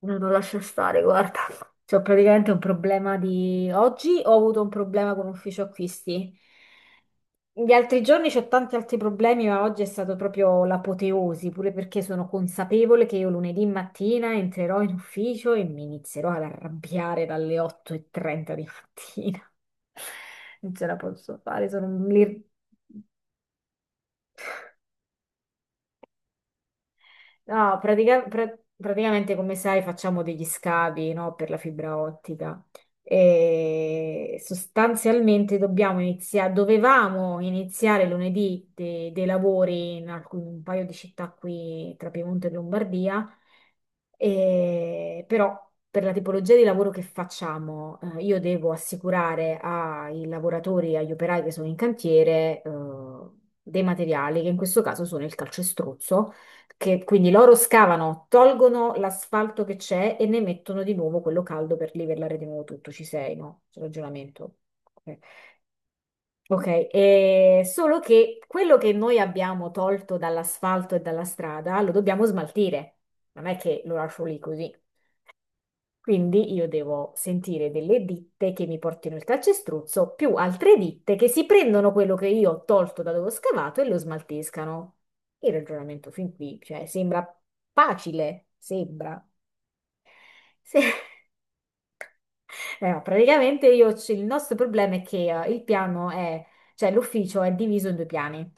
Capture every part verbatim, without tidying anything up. No, non lascia stare, guarda. C'ho praticamente un problema di... Oggi ho avuto un problema con ufficio acquisti. Gli altri giorni c'ho tanti altri problemi, ma oggi è stato proprio l'apoteosi, pure perché sono consapevole che io lunedì mattina entrerò in ufficio e mi inizierò ad arrabbiare dalle otto e trenta di mattina. Non ce la posso fare, sono lì. No, pratica- pra- praticamente come sai facciamo degli scavi, no, per la fibra ottica e sostanzialmente dobbiamo iniziare, dovevamo iniziare lunedì de- dei lavori in alcun- un paio di città qui tra Piemonte e Lombardia, e- però per la tipologia di lavoro che facciamo, eh, io devo assicurare ai lavoratori, agli operai che sono in cantiere, eh, dei materiali che in questo caso sono il calcestruzzo che, quindi loro scavano, tolgono l'asfalto che c'è e ne mettono di nuovo quello caldo per livellare di nuovo tutto. Ci sei, no? C'è ragionamento. Ok. Ok, eh, solo che quello che noi abbiamo tolto dall'asfalto e dalla strada lo dobbiamo smaltire. Non è che lo lascio lì così. Quindi io devo sentire delle ditte che mi portino il calcestruzzo più altre ditte che si prendono quello che io ho tolto da dove ho scavato e lo smaltiscano. Il ragionamento fin qui, cioè, sembra facile, sembra. Sì. Eh, no, praticamente io, c- il nostro problema è che eh, il piano è, cioè l'ufficio è diviso in due piani.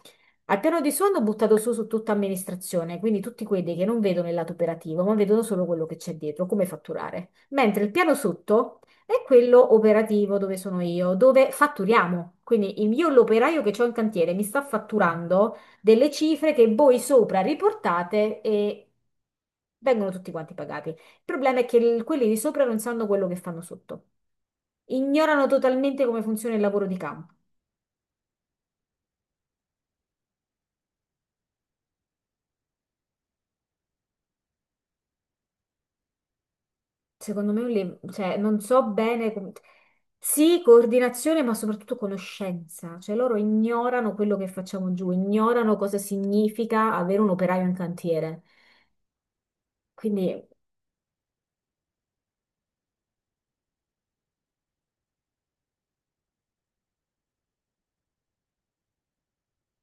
Al piano di su hanno buttato su, su tutta amministrazione, quindi tutti quelli che non vedono il lato operativo, ma vedono solo quello che c'è dietro, come fatturare. Mentre il piano sotto è quello operativo dove sono io, dove fatturiamo. Quindi il- io, l'operaio che ho in cantiere, mi sta fatturando delle cifre che voi sopra riportate e vengono tutti quanti pagati. Il problema è che il- quelli di sopra non sanno quello che fanno sotto, ignorano totalmente come funziona il lavoro di campo. Secondo me, è un lim- cioè, non so bene come... Sì, coordinazione, ma soprattutto conoscenza. Cioè, loro ignorano quello che facciamo giù, ignorano cosa significa avere un operaio in cantiere. Quindi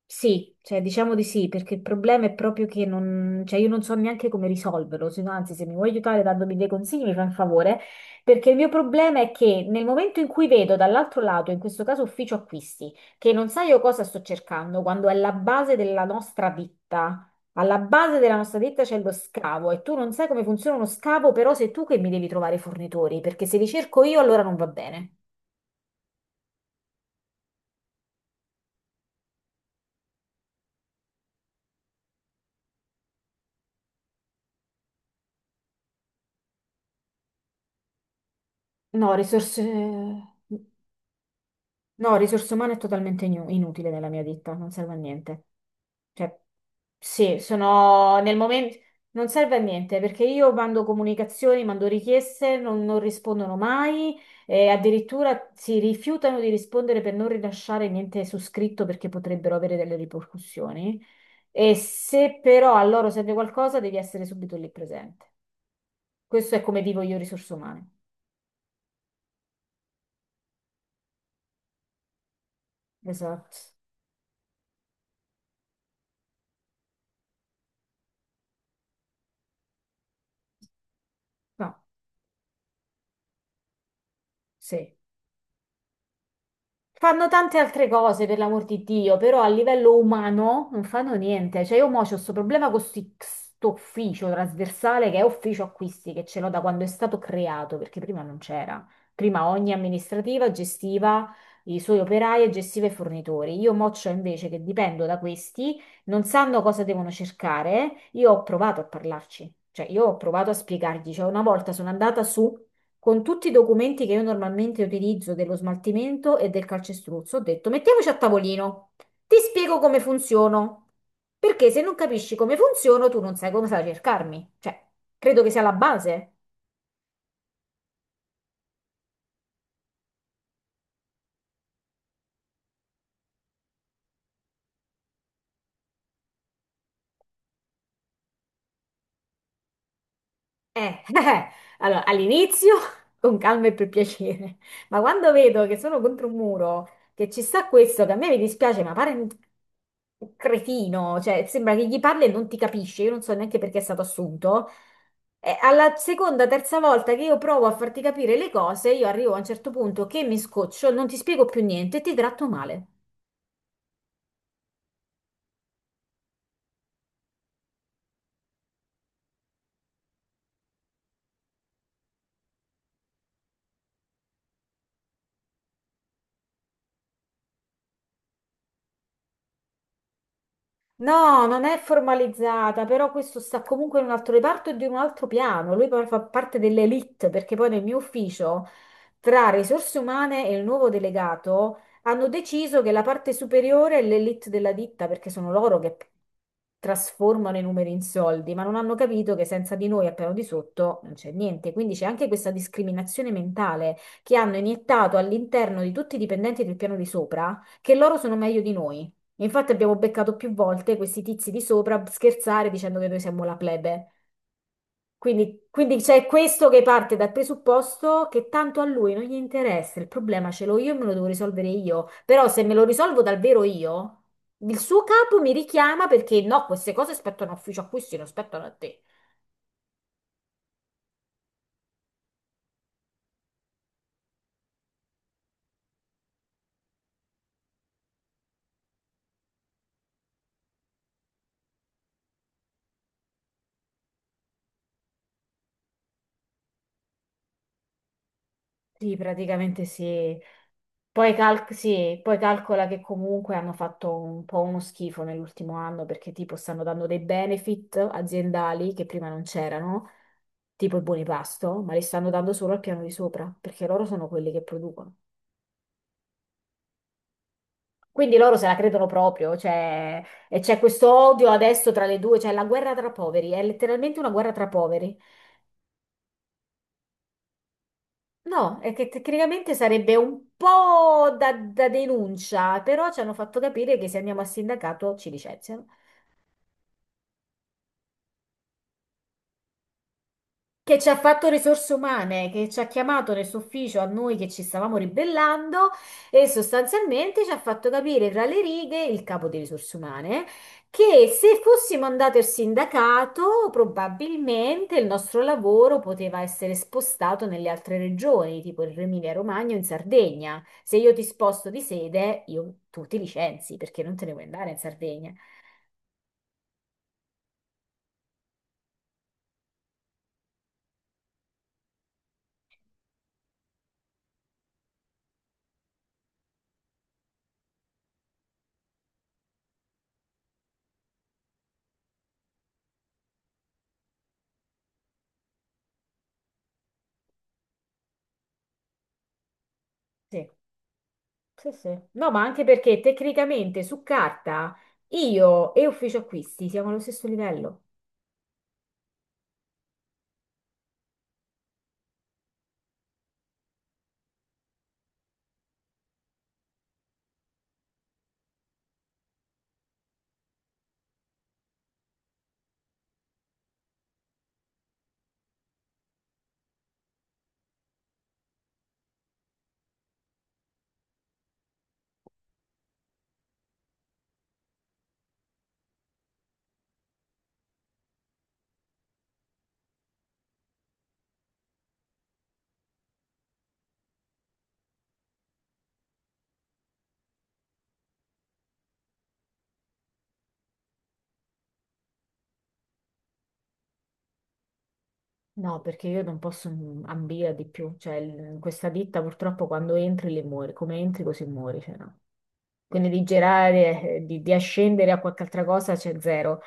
sì, cioè diciamo di sì, perché il problema è proprio che non, cioè io non so neanche come risolverlo, se no, anzi se mi vuoi aiutare dandomi dei consigli mi fai un favore, perché il mio problema è che nel momento in cui vedo dall'altro lato, in questo caso ufficio acquisti, che non sa io cosa sto cercando, quando è la base della nostra ditta, alla base della nostra ditta c'è lo scavo e tu non sai come funziona uno scavo, però sei tu che mi devi trovare i fornitori, perché se li cerco io allora non va bene. No, risorse... No, risorse umane è totalmente inu- inutile nella mia ditta, non serve a niente. Cioè, sì, sono nel momento... Non serve a niente perché io mando comunicazioni, mando richieste, non, non rispondono mai e addirittura si rifiutano di rispondere per non rilasciare niente su scritto perché potrebbero avere delle ripercussioni. E se però a loro serve qualcosa, devi essere subito lì presente. Questo è come vivo io risorse umane. Esatto. No, sì. Fanno tante altre cose, per l'amor di Dio, però a livello umano non fanno niente. Cioè, io mo c'ho questo problema con questo ufficio trasversale che è ufficio acquisti, che ce l'ho da quando è stato creato, perché prima non c'era. Prima ogni amministrativa gestiva i suoi operai e gestiva i fornitori. Io mo c'ho invece che dipendo da questi, non sanno cosa devono cercare. Io ho provato a parlarci, cioè io ho provato a spiegargli. Cioè, una volta sono andata su con tutti i documenti che io normalmente utilizzo dello smaltimento e del calcestruzzo, ho detto mettiamoci a tavolino, ti spiego come funziono, perché se non capisci come funziono tu non sai come sai cercarmi, cioè credo che sia la base. Eh, allora, all'inizio con calma e per piacere, ma quando vedo che sono contro un muro, che ci sta questo, che a me mi dispiace, ma pare un un cretino, cioè sembra che gli parli e non ti capisce, io non so neanche perché è stato assunto, e alla seconda, terza volta che io provo a farti capire le cose, io arrivo a un certo punto che mi scoccio, non ti spiego più niente e ti tratto male. No, non è formalizzata, però questo sta comunque in un altro reparto e di un altro piano. Lui poi fa parte dell'elite, perché poi nel mio ufficio, tra risorse umane e il nuovo delegato, hanno deciso che la parte superiore è l'elite della ditta, perché sono loro che trasformano i numeri in soldi, ma non hanno capito che senza di noi al piano di sotto non c'è niente. Quindi c'è anche questa discriminazione mentale che hanno iniettato all'interno di tutti i dipendenti del piano di sopra, che loro sono meglio di noi. Infatti abbiamo beccato più volte questi tizi di sopra scherzare dicendo che noi siamo la plebe. Quindi, quindi c'è questo che parte dal presupposto che tanto a lui non gli interessa, il problema ce l'ho io e me lo devo risolvere io. Però se me lo risolvo davvero io, il suo capo mi richiama perché no, queste cose spettano a ufficio a cui si non spettano a te. Sì, praticamente sì. Poi, cal- sì, poi calcola che comunque hanno fatto un po' uno schifo nell'ultimo anno perché tipo stanno dando dei benefit aziendali che prima non c'erano, tipo i buoni pasto, ma li stanno dando solo al piano di sopra perché loro sono quelli che producono. Quindi loro se la credono proprio, cioè, e c'è questo odio adesso tra le due, cioè la guerra tra poveri, è letteralmente una guerra tra poveri. No, è che tecnicamente sarebbe un po' da, da denuncia, però ci hanno fatto capire che se andiamo a sindacato ci licenziano. Che ci ha fatto risorse umane, che ci ha chiamato nel suo ufficio a noi che ci stavamo ribellando e sostanzialmente ci ha fatto capire tra le righe il capo di risorse umane che se fossimo andati al sindacato probabilmente il nostro lavoro poteva essere spostato nelle altre regioni, tipo in Emilia-Romagna o in Sardegna. Se io ti sposto di sede, io, tu ti licenzi perché non te ne puoi andare in Sardegna. Sì. Sì, sì. No, ma anche perché tecnicamente su carta io e ufficio acquisti siamo allo stesso livello. No, perché io non posso mm, ambire a di più, cioè il- questa ditta purtroppo quando entri le muori, come entri così muori, cioè no. Quindi di girare, eh, di, di ascendere a qualche altra cosa c'è zero.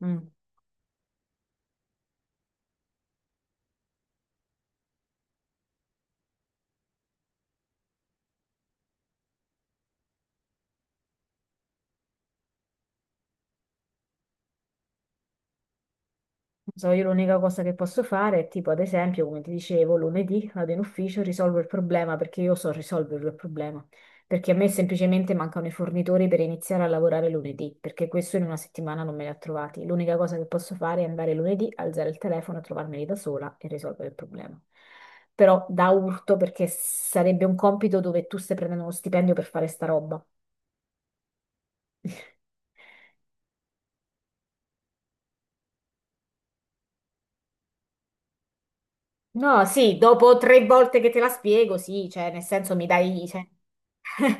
Mm. So, io l'unica cosa che posso fare è tipo, ad esempio, come ti dicevo, lunedì vado in ufficio, risolvo il problema perché io so risolverlo il problema. Perché a me semplicemente mancano i fornitori per iniziare a lavorare lunedì, perché questo in una settimana non me li ha trovati. L'unica cosa che posso fare è andare lunedì, alzare il telefono, trovarmeli da sola e risolvere il problema. Però da urto perché sarebbe un compito dove tu stai prendendo uno stipendio per fare sta roba. No, sì, dopo tre volte che te la spiego, sì, cioè, nel senso mi dai... cioè,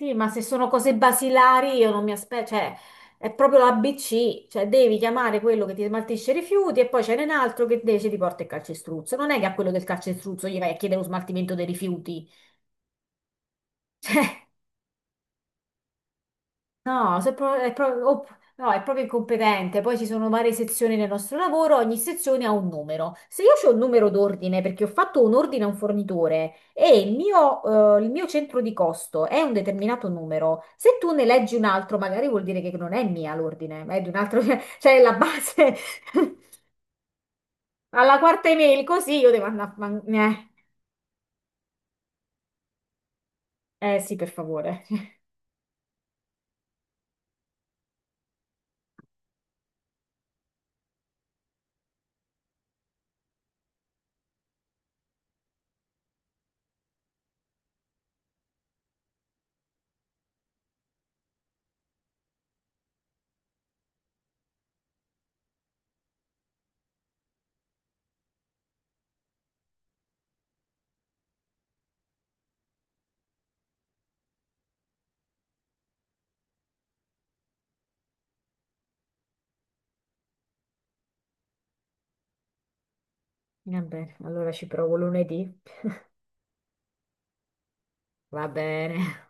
sì, ma se sono cose basilari io non mi aspetto, cioè è proprio l'A B C, cioè devi chiamare quello che ti smaltisce i rifiuti e poi c'è un altro che invece ti porta il calcestruzzo. Non è che a quello del calcestruzzo gli vai a chiedere lo smaltimento dei rifiuti. No, se pro- è pro- opp- no, è proprio incompetente. Poi ci sono varie sezioni nel nostro lavoro, ogni sezione ha un numero. Se io ho un numero d'ordine perché ho fatto un ordine a un fornitore e il mio, eh, il mio centro di costo è un determinato numero, se tu ne leggi un altro, magari vuol dire che non è mia l'ordine, ma è di un altro, cioè è la base. Alla quarta email, così io devo andare a... fan- Eh, eh sì, per favore. Va bene, allora ci provo lunedì. Va bene.